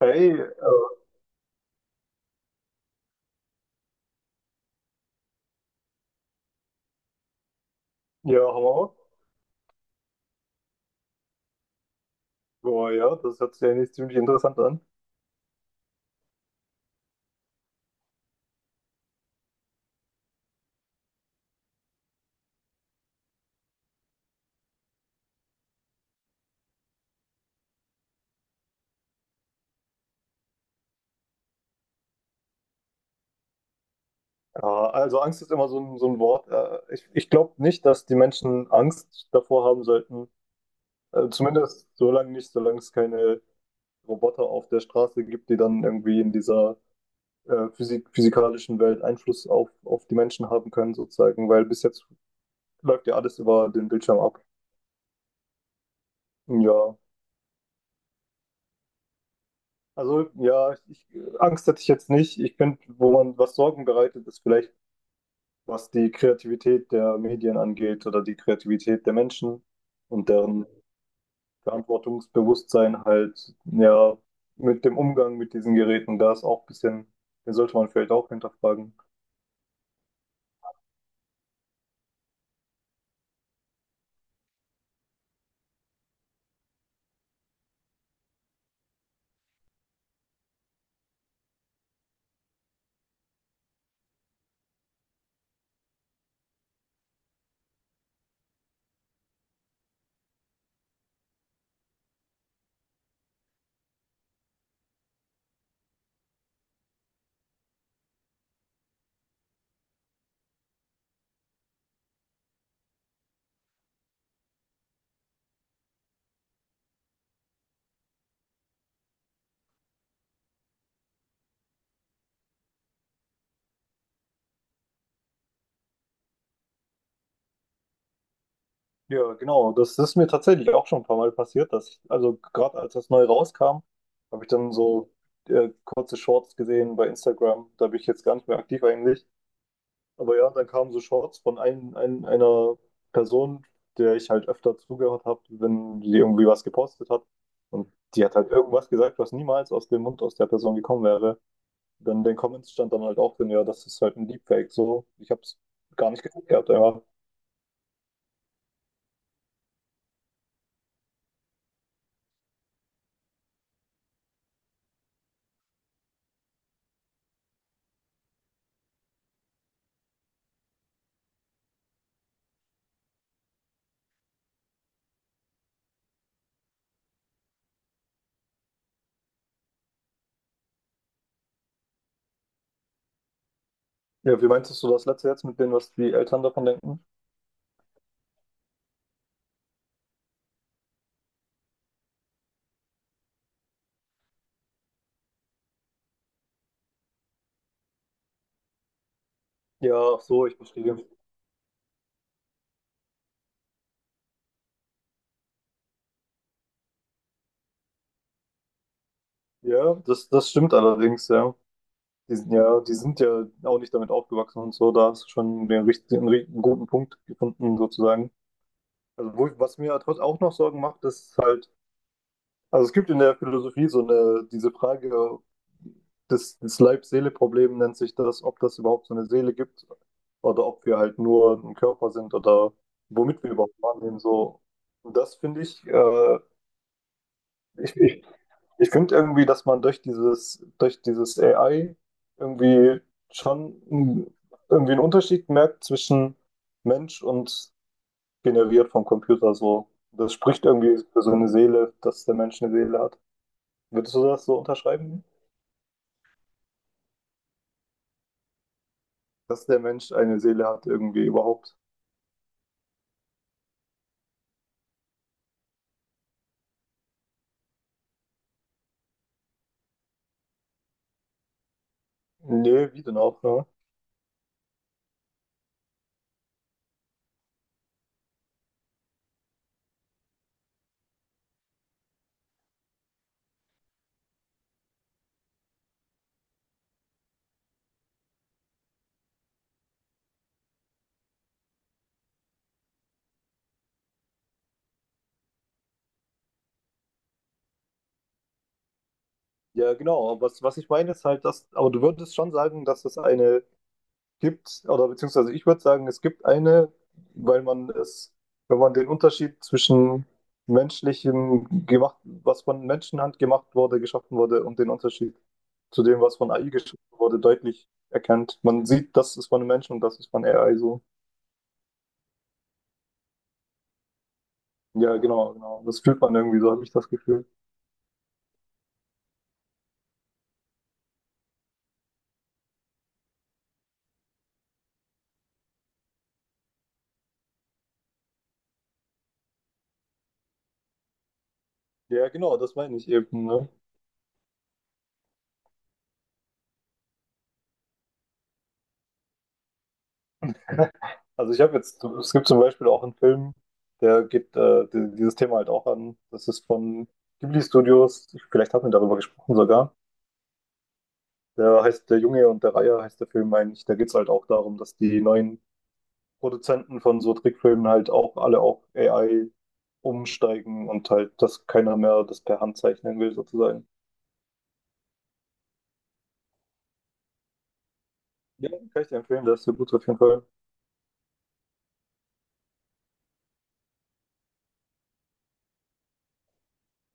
Hey, äh, ja, haben wir auch. Boah, ja, das hört sich eigentlich ziemlich interessant an. Ja, also Angst ist immer so ein Wort. Ich glaube nicht, dass die Menschen Angst davor haben sollten. Zumindest so lange nicht, solange es keine Roboter auf der Straße gibt, die dann irgendwie in dieser physikalischen Welt Einfluss auf die Menschen haben können, sozusagen. Weil bis jetzt läuft ja alles über den Bildschirm ab. Ja, also ja, ich, Angst hätte ich jetzt nicht. Ich finde, wo man was Sorgen bereitet, ist vielleicht, was die Kreativität der Medien angeht oder die Kreativität der Menschen und deren Verantwortungsbewusstsein halt, ja, mit dem Umgang mit diesen Geräten. Da ist auch ein bisschen, den sollte man vielleicht auch hinterfragen. Ja, genau, das ist mir tatsächlich auch schon ein paar Mal passiert, dass ich, also gerade als das neu rauskam, habe ich dann so kurze Shorts gesehen bei Instagram, da bin ich jetzt gar nicht mehr aktiv eigentlich. Aber ja, dann kamen so Shorts von einer Person, der ich halt öfter zugehört habe, wenn die irgendwie was gepostet hat. Und die hat halt irgendwas gesagt, was niemals aus dem Mund aus der Person gekommen wäre. Dann in den Comments stand dann halt auch drin, ja, das ist halt ein Deepfake. So, ich habe es gar nicht geguckt gehabt, einfach. Ja, wie meinst du das letzte jetzt mit dem, was die Eltern davon denken? Ja, ach so, ich verstehe. Ja, das stimmt allerdings, ja. Die sind ja, die sind ja auch nicht damit aufgewachsen und so. Da hast du schon den richtigen, einen guten Punkt gefunden, sozusagen. Also, wo, was mir halt trotz auch noch Sorgen macht, ist halt, also es gibt in der Philosophie so eine, diese Frage, das Leib-Seele-Problem nennt sich das, ob das überhaupt so eine Seele gibt oder ob wir halt nur ein Körper sind oder womit wir überhaupt wahrnehmen. So, und das finde ich, ich, ich, ich finde irgendwie, dass man durch dieses AI irgendwie schon irgendwie einen Unterschied merkt zwischen Mensch und generiert vom Computer so. Das spricht irgendwie für so eine Seele, dass der Mensch eine Seele hat. Würdest du das so unterschreiben? Dass der Mensch eine Seele hat irgendwie überhaupt? Nee, wie denn auch, ne? Ja, genau. Was, was ich meine ist halt, dass, aber du würdest schon sagen, dass es eine gibt, oder beziehungsweise ich würde sagen, es gibt eine, weil man es, wenn man den Unterschied zwischen menschlichem gemacht, was von Menschenhand gemacht wurde, geschaffen wurde, und den Unterschied zu dem, was von AI geschaffen wurde, deutlich erkennt. Man sieht, das ist von einem Menschen und das ist von AI so. Ja, genau. Das fühlt man irgendwie, so habe ich das Gefühl. Ja, genau, das meine ich eben, ne? Also ich habe jetzt, es gibt zum Beispiel auch einen Film, der geht dieses Thema halt auch an. Das ist von Ghibli Studios. Ich- Vielleicht hat wir darüber gesprochen sogar. Der heißt Der Junge und der Reiher heißt der Film eigentlich. Da geht es halt auch darum, dass die neuen Produzenten von so Trickfilmen halt auch alle auf AI umsteigen und halt, dass keiner mehr das per Hand zeichnen will sozusagen. Ja, kann ich dir empfehlen, der ist sehr gut auf jeden Fall.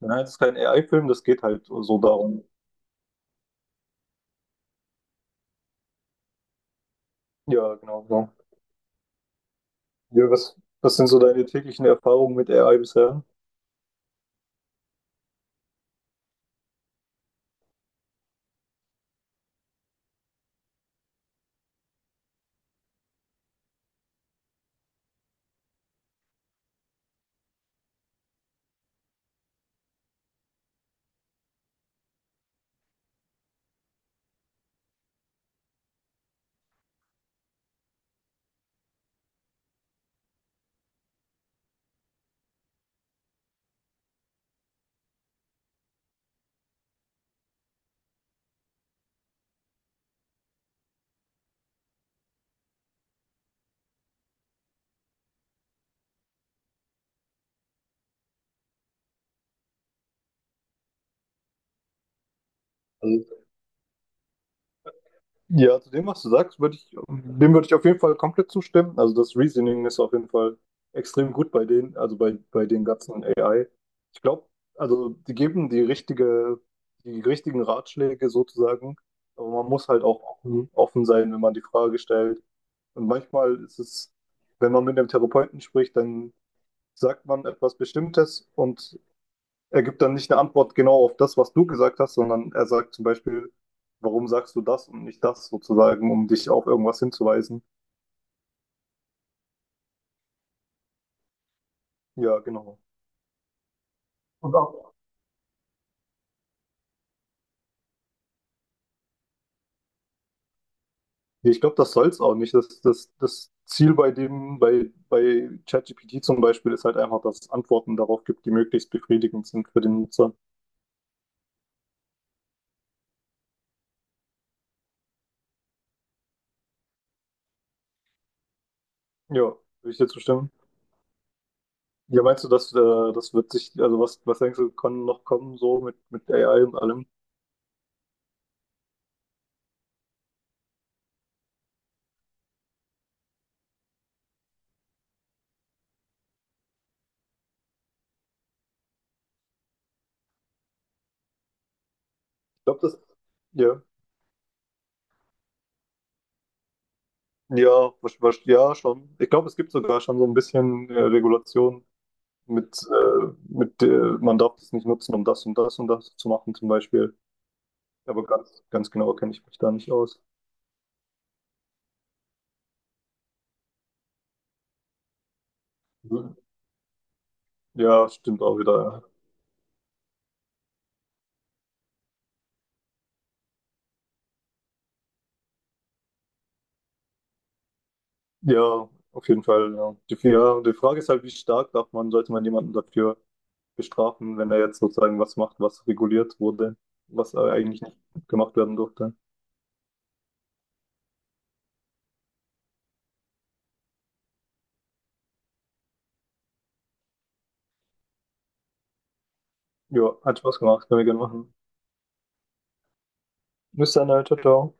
Nein, das ist kein AI-Film, das geht halt so darum. Ja, genau. Ja, was, was sind so deine täglichen Erfahrungen mit AI bisher? Also, ja, zu dem, was du sagst, würde ich, dem würde ich auf jeden Fall komplett zustimmen. Also das Reasoning ist auf jeden Fall extrem gut bei denen, also bei den ganzen AI. Ich glaube, also die geben die richtige, die richtigen Ratschläge sozusagen, aber man muss halt auch offen sein, wenn man die Frage stellt. Und manchmal ist es, wenn man mit einem Therapeuten spricht, dann sagt man etwas Bestimmtes und er gibt dann nicht eine Antwort genau auf das, was du gesagt hast, sondern er sagt zum Beispiel, warum sagst du das und nicht das sozusagen, um dich auf irgendwas hinzuweisen. Ja, genau. Und auch, ich glaube, das soll es auch nicht. Das Ziel bei dem, bei ChatGPT zum Beispiel, ist halt einfach, dass es Antworten darauf gibt, die möglichst befriedigend sind für den Nutzer. Ja, würde ich dir zustimmen. Ja, meinst du, dass das wird sich, also was, was denkst du, kann noch kommen so mit AI und allem? Ich glaube, das, ja. Ja, ja, schon. Ich glaube, es gibt sogar schon so ein bisschen Regulation mit man darf das nicht nutzen, um das und das und das zu machen, zum Beispiel. Aber ganz genau kenne ich mich da nicht aus. Mhm. Ja, stimmt auch wieder. Ja, Ja, auf jeden Fall. Ja. Die, ja, die Frage ist halt, wie stark darf man, sollte man jemanden dafür bestrafen, wenn er jetzt sozusagen was macht, was reguliert wurde, was eigentlich nicht gemacht werden durfte. Ja, hat Spaß gemacht, können wir gerne machen. Bis dann, ciao, ciao.